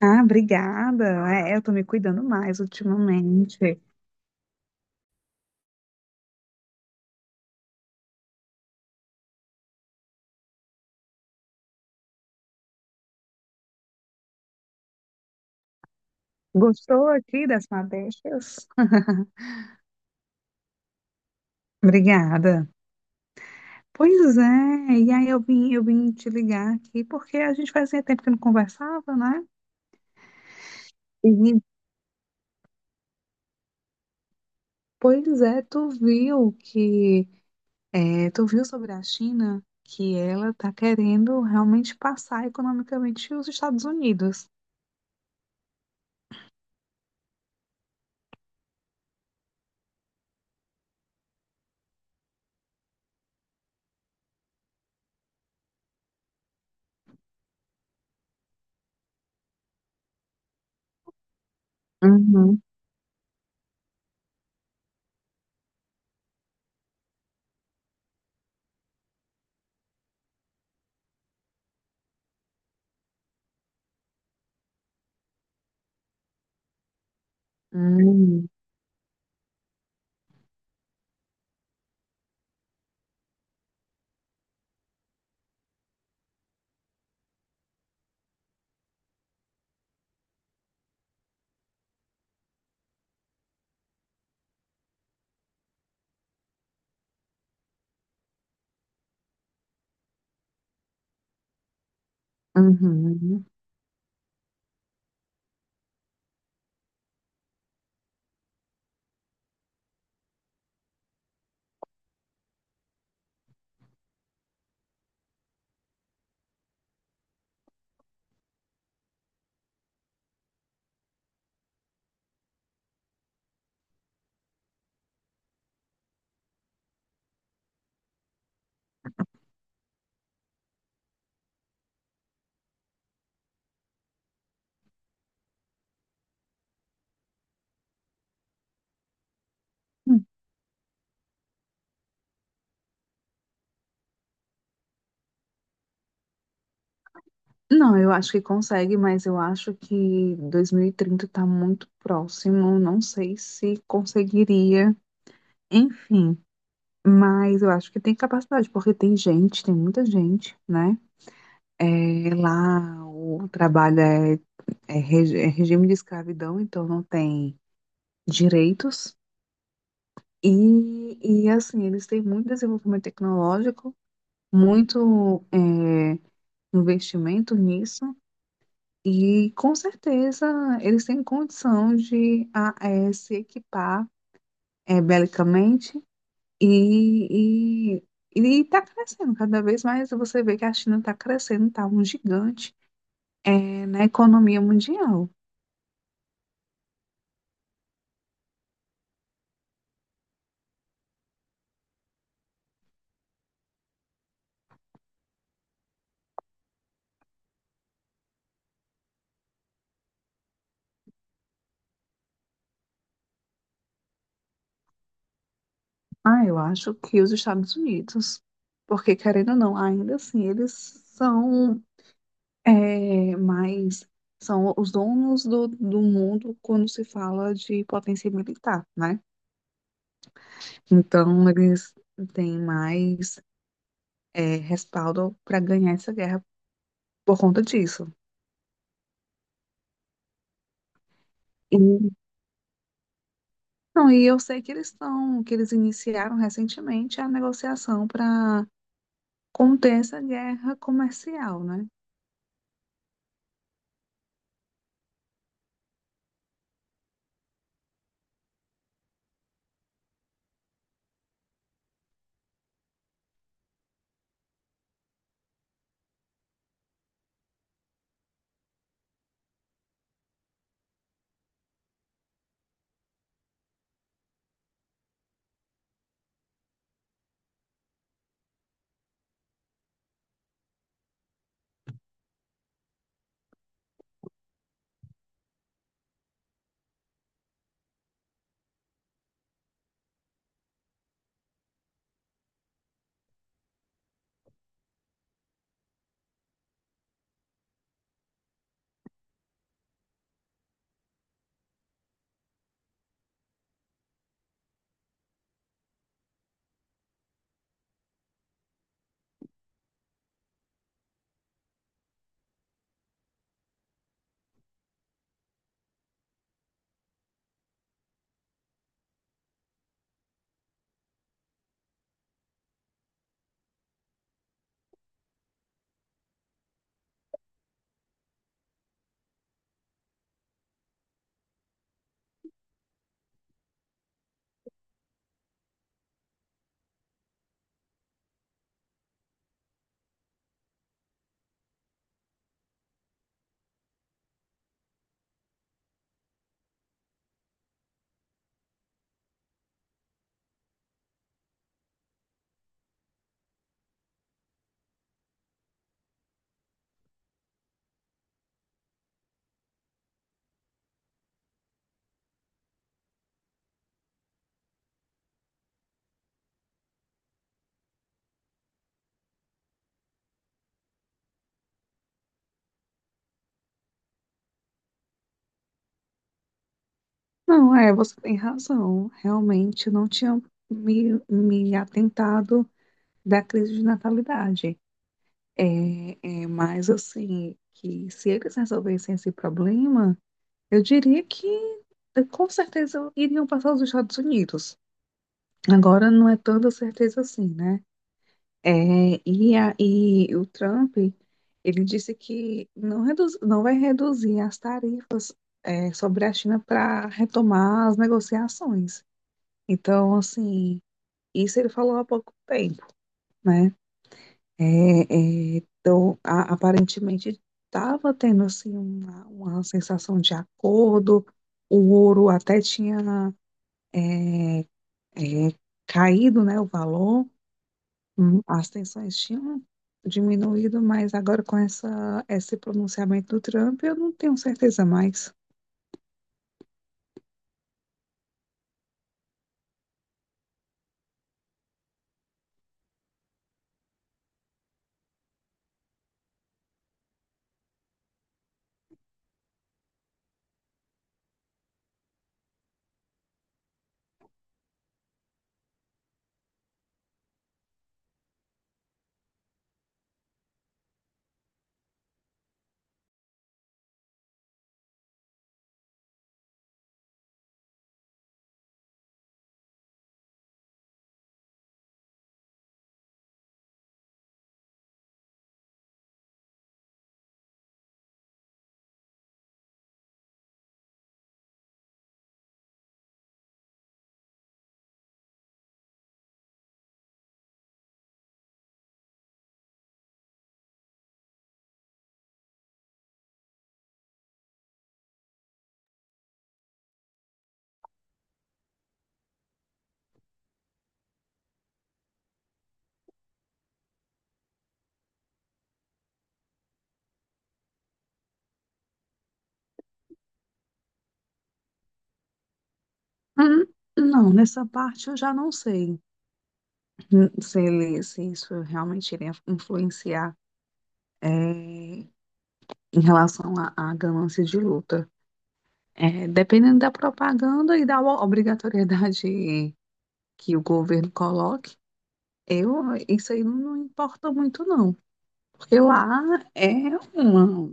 Ah, obrigada. Eu tô me cuidando mais ultimamente. Gostou aqui das madeixas? Obrigada. Pois é, e aí eu vim te ligar aqui porque a gente fazia tempo que não conversava, né? E, Pois é, tu viu sobre a China que ela tá querendo realmente passar economicamente os Estados Unidos. Uhum. Uhum. Uhum. Não, eu acho que consegue, mas eu acho que 2030 está muito próximo. Não sei se conseguiria, enfim, mas eu acho que tem capacidade, porque tem gente, tem muita gente, né? É, lá o trabalho é, é regi- é regime de escravidão, então não tem direitos. E, e assim, eles têm muito desenvolvimento tecnológico, muito investimento nisso. E com certeza eles têm condição de se equipar belicamente e, e, e está crescendo cada vez mais. Você vê que a China está crescendo, está um gigante na economia mundial. Ah, eu acho que os Estados Unidos, porque querendo ou não, ainda assim eles são eh, mais são os donos do, do mundo quando se fala de potência militar, né? Então, eles têm mais respaldo para ganhar essa guerra por conta disso. E, não, e eu sei que que eles iniciaram recentemente a negociação para conter essa guerra comercial, né? Não, é, você tem razão. Realmente não tinha me atentado da crise de natalidade. Mas assim, que se eles resolvessem esse problema, eu diria que com certeza iriam passar os Estados Unidos. Agora não é tanta certeza assim, né? E o Trump, ele disse que não vai reduzir as tarifas sobre a China para retomar as negociações. Então, assim, isso ele falou há pouco tempo, né? É, então, aparentemente estava tendo assim uma sensação de acordo. O ouro até tinha é, é, caído, né, o valor, as tensões tinham diminuído, mas agora com esse pronunciamento do Trump, eu não tenho certeza mais. Hum. Não, nessa parte eu já não sei, se isso realmente iria influenciar é, em relação à ganância de luta. É, dependendo da propaganda e da obrigatoriedade que o governo coloque, eu, isso aí não importa muito, não. Porque lá é uma-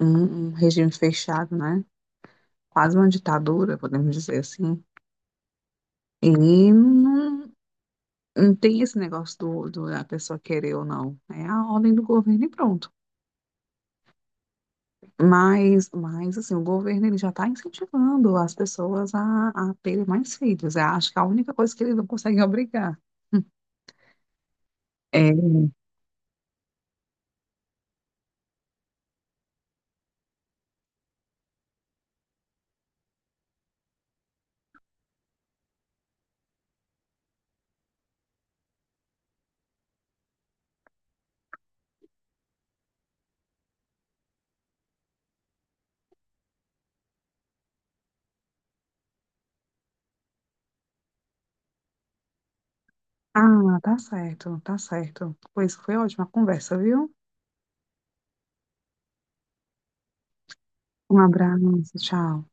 um, um regime fechado, né? Quase uma ditadura, podemos dizer assim. E não, não tem esse negócio do, do da pessoa querer ou não. É a ordem do governo e pronto. Mas assim, o governo ele já está incentivando as pessoas a terem mais filhos. Eu acho que a única coisa que ele não consegue obrigar. É. Ah, tá certo, tá certo. Pois foi ótima a conversa, viu? Um abraço, tchau.